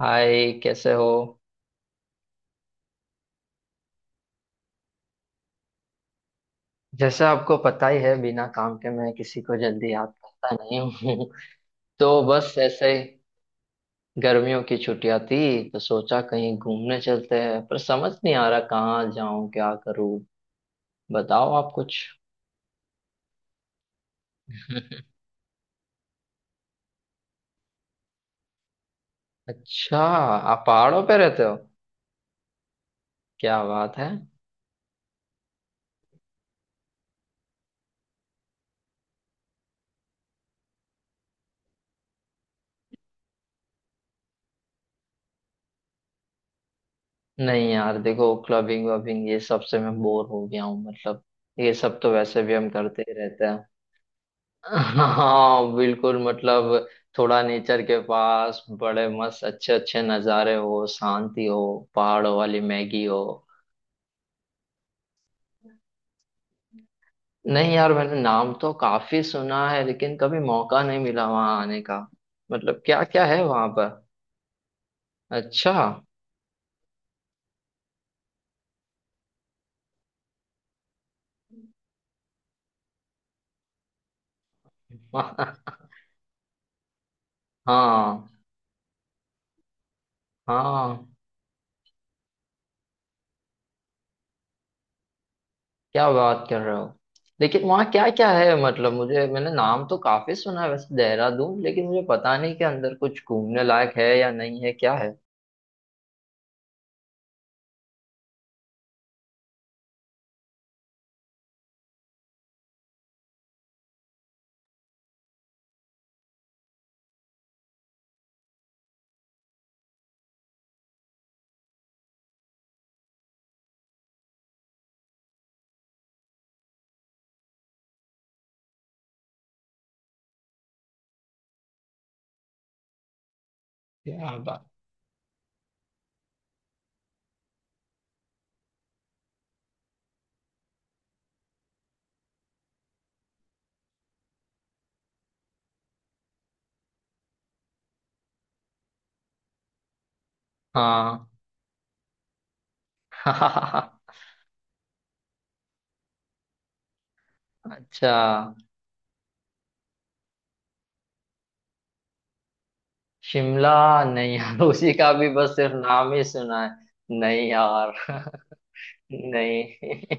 हाय, कैसे हो? जैसा आपको पता ही है, बिना काम के मैं किसी को जल्दी याद करता नहीं हूँ। तो बस ऐसे ही, गर्मियों की छुट्टियां थी, तो सोचा कहीं घूमने चलते हैं, पर समझ नहीं आ रहा कहाँ जाऊं, क्या करूं। बताओ आप कुछ। अच्छा, आप पहाड़ों पे रहते हो? क्या बात है। नहीं यार, देखो, क्लबिंग वबिंग ये सब से मैं बोर हो गया हूँ। मतलब ये सब तो वैसे भी हम करते ही रहते हैं। हाँ, बिल्कुल। मतलब थोड़ा नेचर के पास, बड़े मस्त अच्छे अच्छे नज़ारे हो, शांति हो, पहाड़ों वाली मैगी हो। नहीं यार, मैंने नाम तो काफी सुना है, लेकिन कभी मौका नहीं मिला वहां आने का। मतलब क्या क्या है वहां पर? अच्छा। हाँ, हाँ, क्या बात कर रहे हो। लेकिन वहाँ क्या क्या है मतलब मुझे, मैंने नाम तो काफी सुना है वैसे देहरादून, लेकिन मुझे पता नहीं कि अंदर कुछ घूमने लायक है या नहीं, है क्या है? क्या बात। हाँ। अच्छा। शिमला? नहीं यार, उसी का भी बस सिर्फ नाम ही सुना है। नहीं यार। नहीं।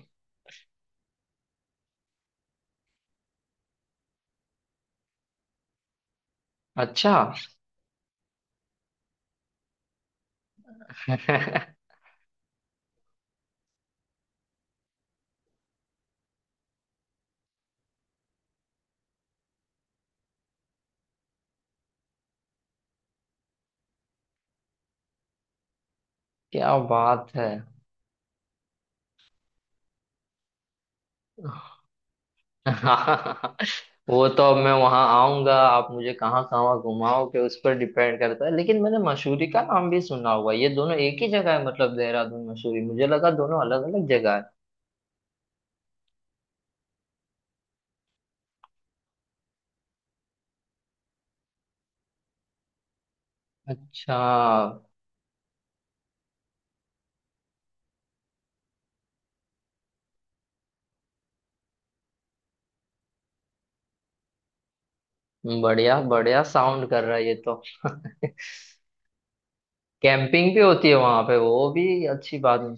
अच्छा। क्या बात है। वो तो अब मैं वहां आऊंगा, आप मुझे कहाँ कहाँ घुमाओगे उस पर डिपेंड करता है, लेकिन मैंने मसूरी का नाम भी सुना हुआ है। ये दोनों एक ही जगह है मतलब? देहरादून मसूरी, मुझे लगा दोनों अलग अलग जगह है। अच्छा, बढ़िया बढ़िया साउंड कर रहा है ये तो। कैंपिंग भी होती है वहां पे? वो भी अच्छी बात है।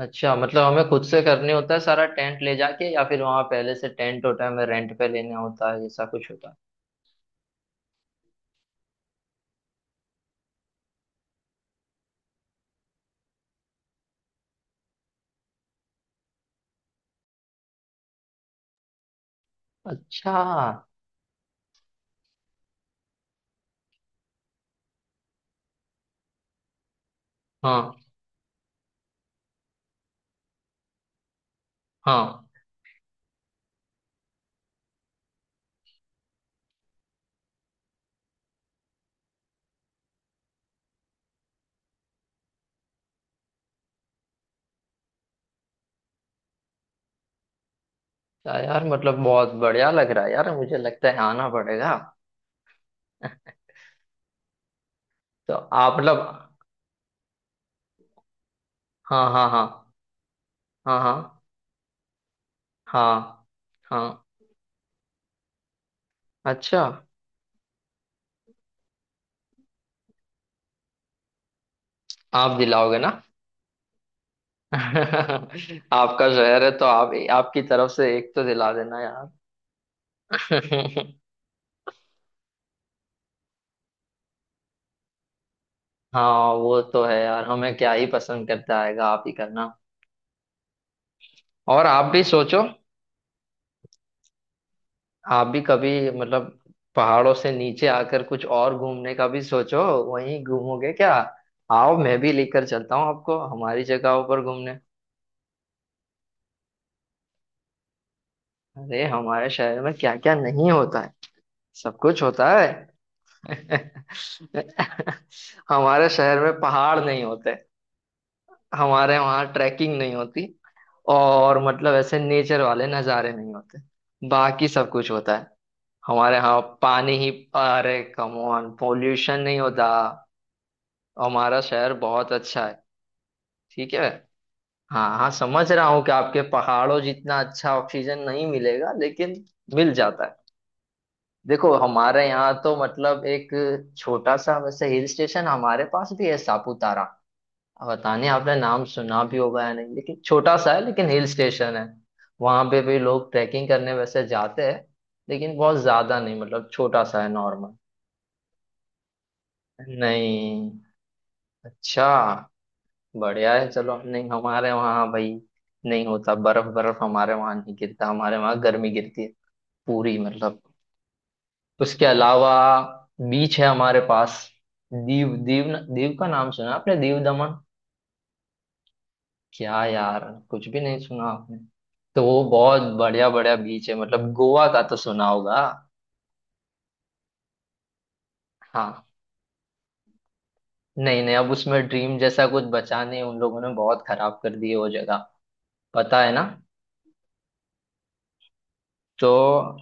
अच्छा, मतलब हमें खुद से करने होता है सारा, टेंट ले जाके, या फिर वहां पहले से टेंट होता है, हमें रेंट पे लेना होता है, ऐसा कुछ होता है? अच्छा। हाँ, हाँ। यार मतलब बहुत बढ़िया लग रहा है यार, मुझे लगता है आना पड़ेगा। तो आप मतलब हाँ, हाँ, हाँ, हाँ, हाँ, हाँ, हाँ। अच्छा, आप दिलाओगे ना? आपका शहर है, तो आप, आपकी तरफ से एक तो दिला देना यार। हाँ, वो तो है यार, हमें क्या ही पसंद करता आएगा, आप ही करना। और आप भी सोचो। आप भी कभी मतलब पहाड़ों से नीचे आकर कुछ और घूमने का भी सोचो। वहीं घूमोगे क्या? आओ, मैं भी लेकर चलता हूँ आपको हमारी जगहों पर घूमने। अरे, हमारे शहर में क्या क्या नहीं होता है। सब कुछ होता है। हमारे शहर में पहाड़ नहीं होते, हमारे वहाँ ट्रैकिंग नहीं होती, और मतलब ऐसे नेचर वाले नज़ारे नहीं होते। बाकी सब कुछ होता है। हमारे यहाँ पानी ही, अरे कम ऑन, पोल्यूशन नहीं होता, हमारा शहर बहुत अच्छा है। ठीक है, हाँ, हाँ, समझ रहा हूँ कि आपके पहाड़ों जितना अच्छा ऑक्सीजन नहीं मिलेगा, लेकिन मिल जाता है। देखो, हमारे यहाँ तो मतलब एक छोटा सा वैसे हिल स्टेशन हमारे पास भी है, सापुतारा। अब पता नहीं आपने नाम सुना भी होगा या नहीं, लेकिन छोटा सा है, लेकिन हिल स्टेशन है। वहां पे भी लोग ट्रैकिंग करने वैसे जाते हैं, लेकिन बहुत ज्यादा नहीं, मतलब छोटा सा है, नॉर्मल। नहीं। अच्छा, बढ़िया है, चलो। नहीं, हमारे वहाँ भाई नहीं होता, बर्फ बर्फ हमारे वहाँ नहीं गिरता, हमारे वहाँ गर्मी गिरती है पूरी। मतलब उसके अलावा बीच है हमारे पास। दीव, दीव, दीव का नाम सुना आपने? दीव दमन? क्या यार, कुछ भी नहीं सुना आपने। तो वो बहुत बढ़िया बढ़िया बीच है, मतलब गोवा का तो सुना होगा। हाँ। नहीं, नहीं, अब उसमें ड्रीम जैसा कुछ बचा नहीं, उन लोगों ने बहुत खराब कर दी है वो जगह। पता है ना? तो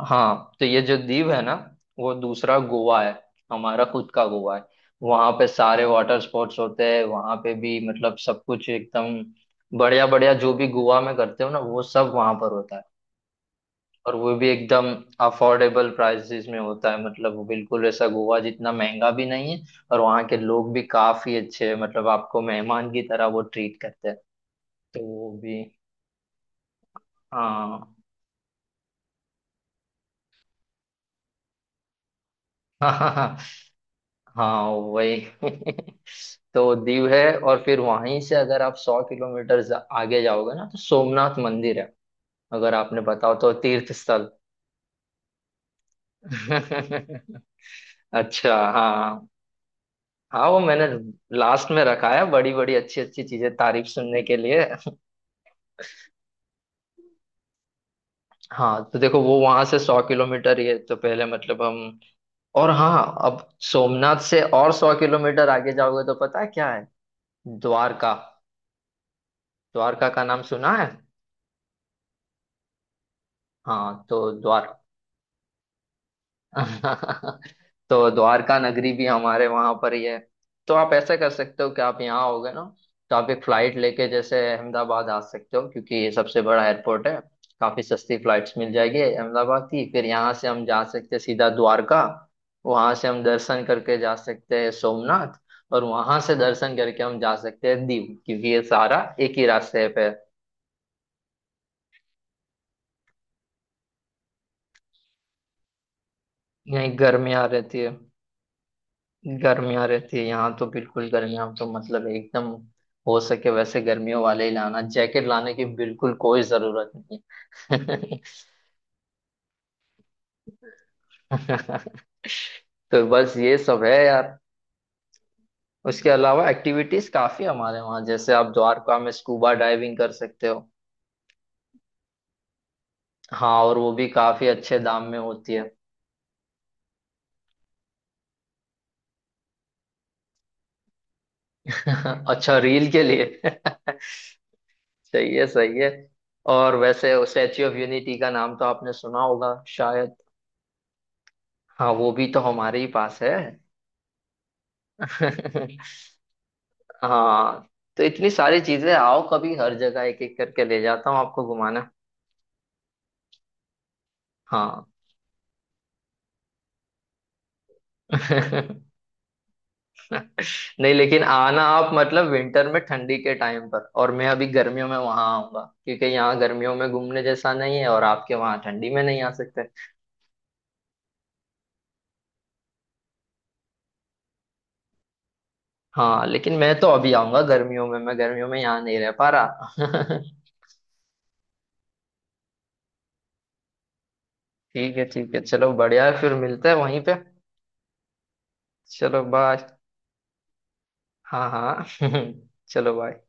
हाँ, तो ये जो द्वीप है ना, वो दूसरा गोवा है। हमारा खुद का गोवा है। वहां पे सारे वाटर स्पोर्ट्स होते हैं, वहां पे भी मतलब सब कुछ एकदम बढ़िया बढ़िया, जो भी गोवा में करते हो ना, वो सब वहां पर होता है। और वो भी एकदम अफोर्डेबल प्राइसेस में होता है, मतलब वो बिल्कुल ऐसा गोवा जितना महंगा भी नहीं है। और वहाँ के लोग भी काफी अच्छे हैं, मतलब आपको मेहमान की तरह वो ट्रीट करते हैं। तो वो भी, हाँ। हाँ, वही। तो दीव है, और फिर वहीं से अगर आप 100 किलोमीटर आगे जाओगे ना, तो सोमनाथ मंदिर है। अगर आपने, बताओ तो, तीर्थ स्थल। अच्छा, हाँ, हाँ, वो मैंने लास्ट में रखा है, बड़ी बड़ी अच्छी अच्छी चीजें तारीफ सुनने के लिए। हाँ, तो देखो, वो वहां से 100 किलोमीटर, ये तो पहले मतलब हम। और हाँ, अब सोमनाथ से और 100 किलोमीटर आगे जाओगे तो पता है क्या है? द्वारका। द्वारका का नाम सुना है? हाँ, तो द्वारका, तो द्वारका नगरी भी हमारे वहां पर ही है। तो आप ऐसा कर सकते हो कि आप यहाँ आओगे ना, तो आप एक फ्लाइट लेके जैसे अहमदाबाद आ सकते हो, क्योंकि ये सबसे बड़ा एयरपोर्ट है। काफी सस्ती फ्लाइट्स मिल जाएगी अहमदाबाद की, फिर यहाँ से हम जा सकते हैं सीधा द्वारका। वहां से हम दर्शन करके जा सकते हैं सोमनाथ, और वहां से दर्शन करके हम जा सकते हैं दीव, क्योंकि ये सारा एक ही रास्ते पे है। यहीं गर्मियाँ रहती है, गर्मियाँ रहती है यहाँ तो बिल्कुल, गर्मियाँ तो मतलब एकदम हो सके वैसे गर्मियों वाले ही लाना, जैकेट लाने की बिल्कुल कोई जरूरत नहीं है। तो बस ये सब है यार। उसके अलावा एक्टिविटीज काफी है हमारे वहाँ, जैसे आप द्वारका में स्कूबा डाइविंग कर सकते हो। हाँ, और वो भी काफी अच्छे दाम में होती है। अच्छा, रील के लिए। सही है, सही है। और वैसे स्टैच्यू ऑफ यूनिटी का नाम तो आपने सुना होगा शायद। हाँ, वो भी तो हमारे ही पास है। हाँ, तो इतनी सारी चीजें, आओ कभी, हर जगह एक एक करके ले जाता हूँ आपको घुमाना। हाँ। नहीं, लेकिन आना आप मतलब विंटर में, ठंडी के टाइम पर, और मैं अभी गर्मियों में वहां आऊंगा, क्योंकि यहाँ गर्मियों में घूमने जैसा नहीं है, और आपके वहाँ ठंडी में नहीं आ सकते। हाँ, लेकिन मैं तो अभी आऊंगा गर्मियों में, मैं गर्मियों में यहाँ नहीं रह पा रहा। ठीक है, ठीक है, चलो बढ़िया है, फिर मिलते हैं वहीं पे। चलो बाय। हाँ, हाँ। चलो बाय।